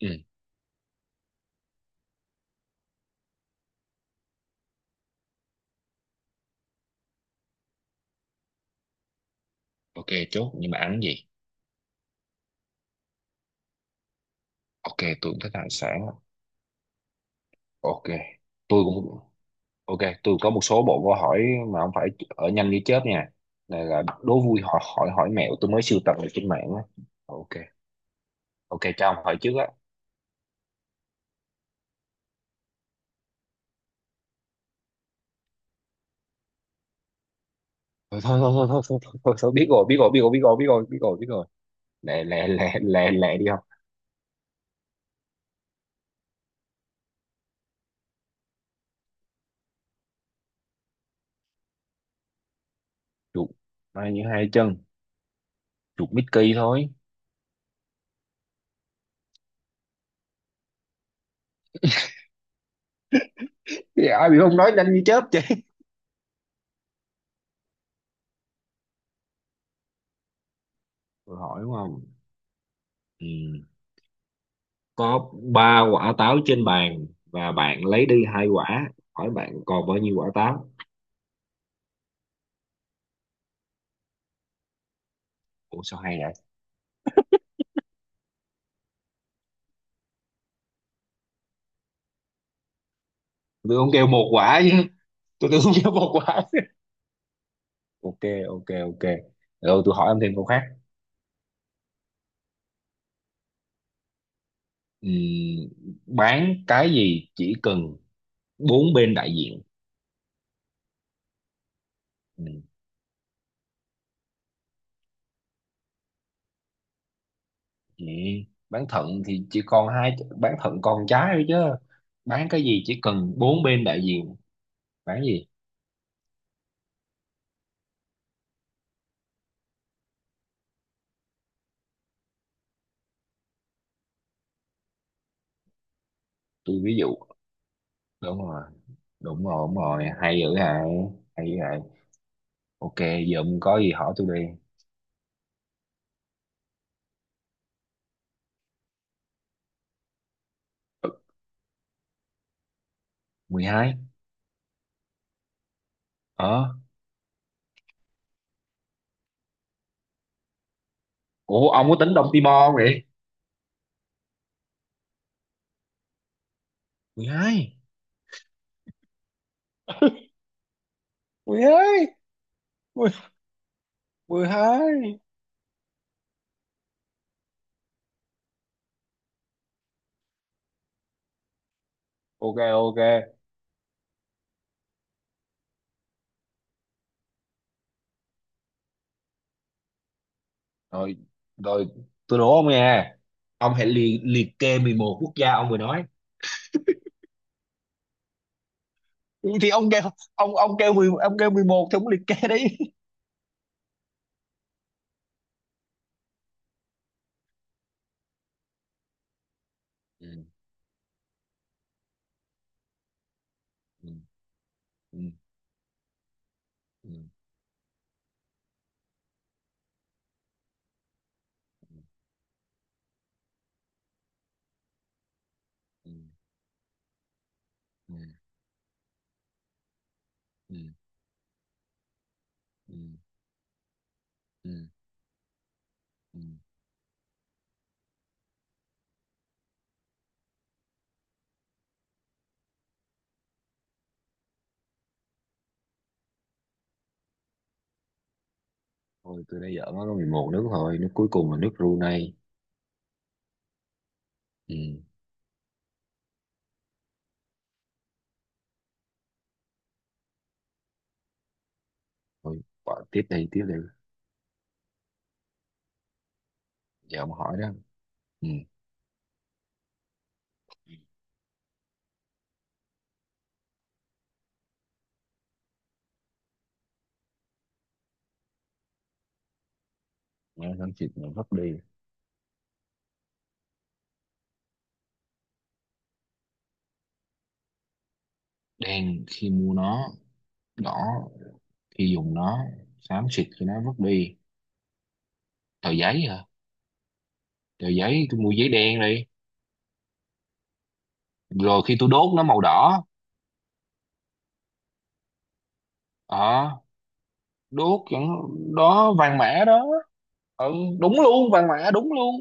Ừ, ok. Chốt nhưng mà ăn gì? Ok tôi cũng thích hải sản á. Ok tôi cũng ok tôi có một số bộ câu hỏi mà không phải ở nhanh như chớp nha. Này là đố vui hỏi hỏi hỏi mẹo tôi mới sưu tầm được trên mạng á. Ok ok, cho ông hỏi trước á. Thôi thôi thôi thôi thôi thôi, thôi, thôi, thôi, biết rồi biết rồi biết rồi biết rồi biết rồi biết rồi biết rồi. Lẹ lẹ lẹ lẹ lẹ đi không? Chuột bay như hai chân, chuột Mickey thôi. Dạ ai bị không nói nhanh như chớp chứ. Tôi hỏi đúng không? Ừ. Có ba quả táo trên bàn và bạn lấy đi hai quả, hỏi bạn còn bao nhiêu quả táo? Ủa sao hay vậy? Tôi không kêu một quả chứ, tôi tưởng không kêu một quả. Ok ok ok, rồi tôi hỏi em thêm câu khác. Ừm, bán cái gì chỉ cần bốn bên đại diện? Ừm, Vậy bán thận thì chỉ còn hai, bán thận còn trái thôi chứ. Bán cái gì chỉ cần bốn bên đại diện? Bán gì? Tôi ví dụ. Đúng rồi, đúng rồi đúng rồi, hay dữ hả. Hay dữ hả. Ok, giờ ông có gì hỏi tôi đi. 12. Ờ. Ủa, ông có tính Đông Timor không vậy? 12. 12. 12. Ok, ok. Rồi, rồi tôi đố ông nha. Ông hãy liệt kê 11 quốc gia ông vừa nói. Ừ, thì ông kêu ông kêu 10, ông kêu 11 thì ông liệt kê đi. Ừ, ừ, ừ, ừ, ừ, ừ, ừ, ừ, ừ, ừ. Thôi, tôi đã giỡn, nó có 11 nước thôi. Nước cuối cùng là nước Brunei. Ừ. Thôi, bỏ tiếp đi, tiếp đi. Giờ ông hỏi đó. Ừ. Nó xám xịt nó vứt đi. Đen khi mua nó, đỏ khi dùng nó, xám xịt khi nó vứt đi. Tờ giấy hả? Tờ giấy, tôi mua giấy đen đi, rồi khi tôi đốt nó màu đỏ. ờ Đốt cho nó, đó vàng mã đó. Ừ, đúng luôn, vàng mã đúng luôn.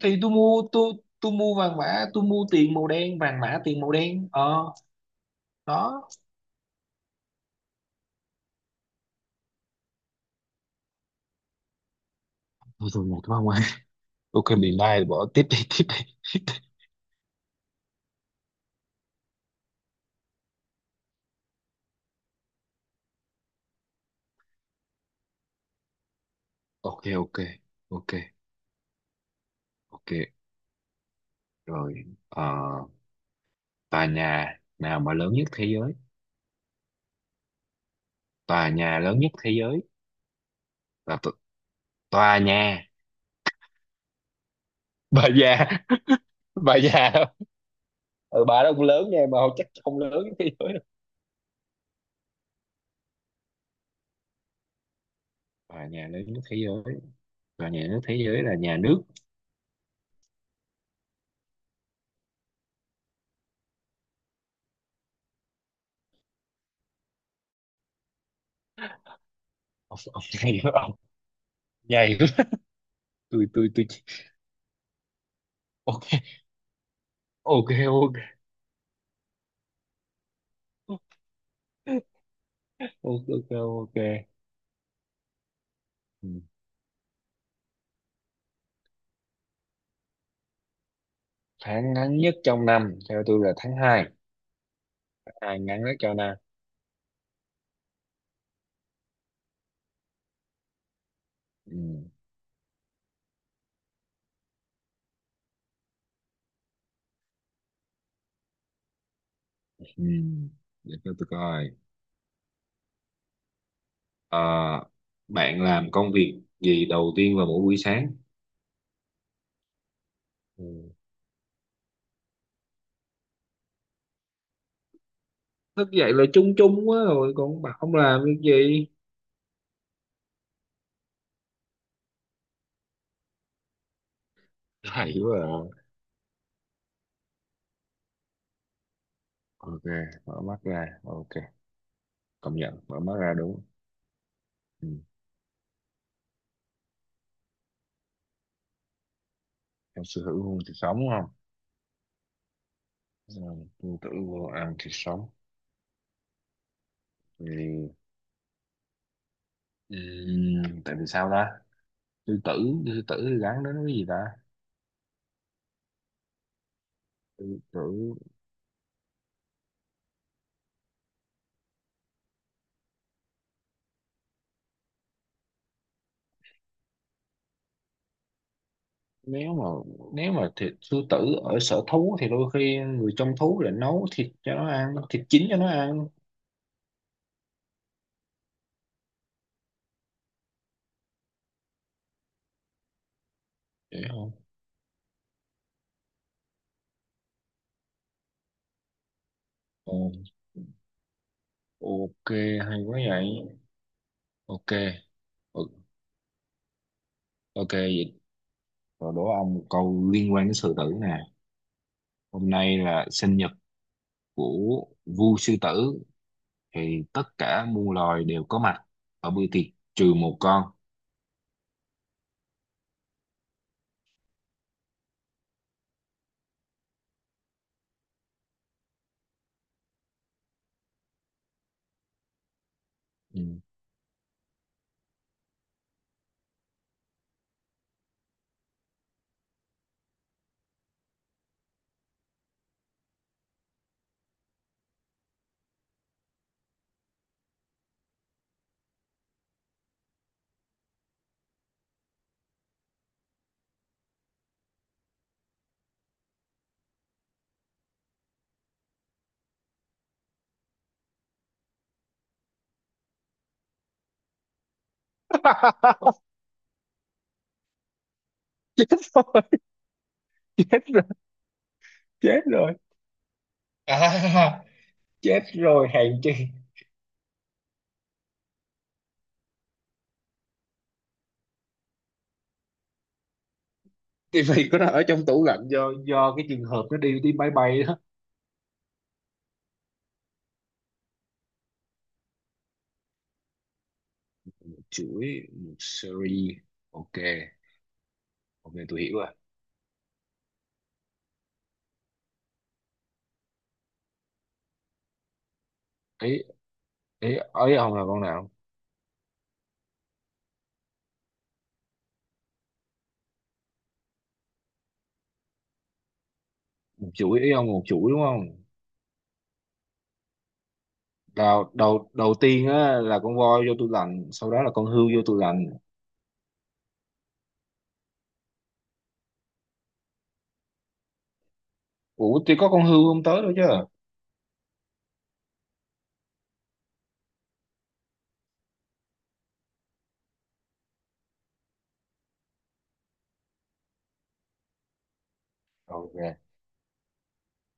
Thì tôi mua, tôi mua vàng mã, tôi mua tiền màu đen, vàng mã tiền màu đen. Ờ Đó. Thôi thôi, một quá ngoài. Ok, bị lai, bỏ tiếp đi, tiếp đi. Ok ok ok. Ok. Rồi. ờ Tòa nhà nào mà lớn nhất thế giới? Tòa nhà lớn nhất thế giới là tòa nhà bà già. Bà già đó. Ừ, bà đó cũng lớn nha, mà chắc không lớn nhất thế giới đâu. Tòa nhà lớn nhất thế giới, tòa nhà lớn nhất thế giới là nhà nước. Ông nhảy quá, ông nhảy quá. Tôi ok ok ok. Ok ok ok. Ừ. Tháng ngắn nhất trong năm theo tôi là tháng hai. Tháng 2 ngắn nhất cho năm. Ừ. Ừ. Để cho tôi coi. Ờ, bạn làm công việc gì đầu tiên vào mỗi buổi sáng? Ừ. Thức dậy là chung chung quá, rồi còn bà không làm việc gì. Hay quá à. Ok, mở mắt ra. Ok, công nhận, mở mắt ra đúng. Ừ. Em sư hữu hôn thì sống không? Ừ. Sư tử vô ăn thì sống. Thì... Ừ. Tại vì sao ta? Sư tử, sư tử thì gắn đến cái gì ta? Sư tử, nếu mà nếu mà thịt sư tử ở sở thú thì đôi khi người trong thú lại nấu thịt cho nó ăn, thịt chín cho nó ăn. Vậy không. Ồ, ok, hay quá vậy. Ok, o- ok vậy. Rồi đố ông một câu liên quan đến sư tử nè. Hôm nay là sinh nhật của vua sư tử, thì tất cả muôn loài đều có mặt ở bữa tiệc, trừ một con. Ừ. Chết rồi, chết rồi chết rồi. À, chết rồi hèn chi. Tivi của nó ở trong tủ lạnh, do cái trường hợp nó đi đi máy bay đó. Chuỗi một series. Ok, ok tôi hiểu rồi. Ý ý ý ông là con nào? Một chuỗi, ý ông một chuỗi đúng không? Đầu đầu đầu tiên á là con voi vô tủ lạnh, sau đó là con hươu vô tủ lạnh. Ủa thì có con hươu không tới đâu chứ. Ok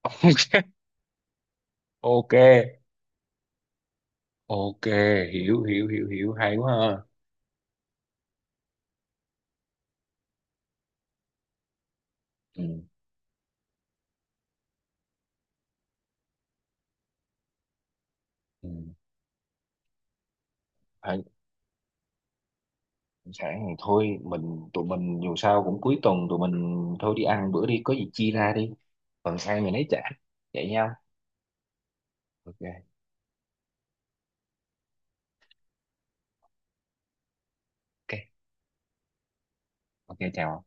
ok ok, hiểu hiểu hiểu hiểu, hay quá ha. Ừ. Ừ. Hay, sẵn thì thôi mình, tụi mình dù sao cũng cuối tuần, tụi mình thôi đi ăn bữa đi, có gì chia ra đi, phần ăn mình lấy trả vậy nhau. Ok ok. Ok chào.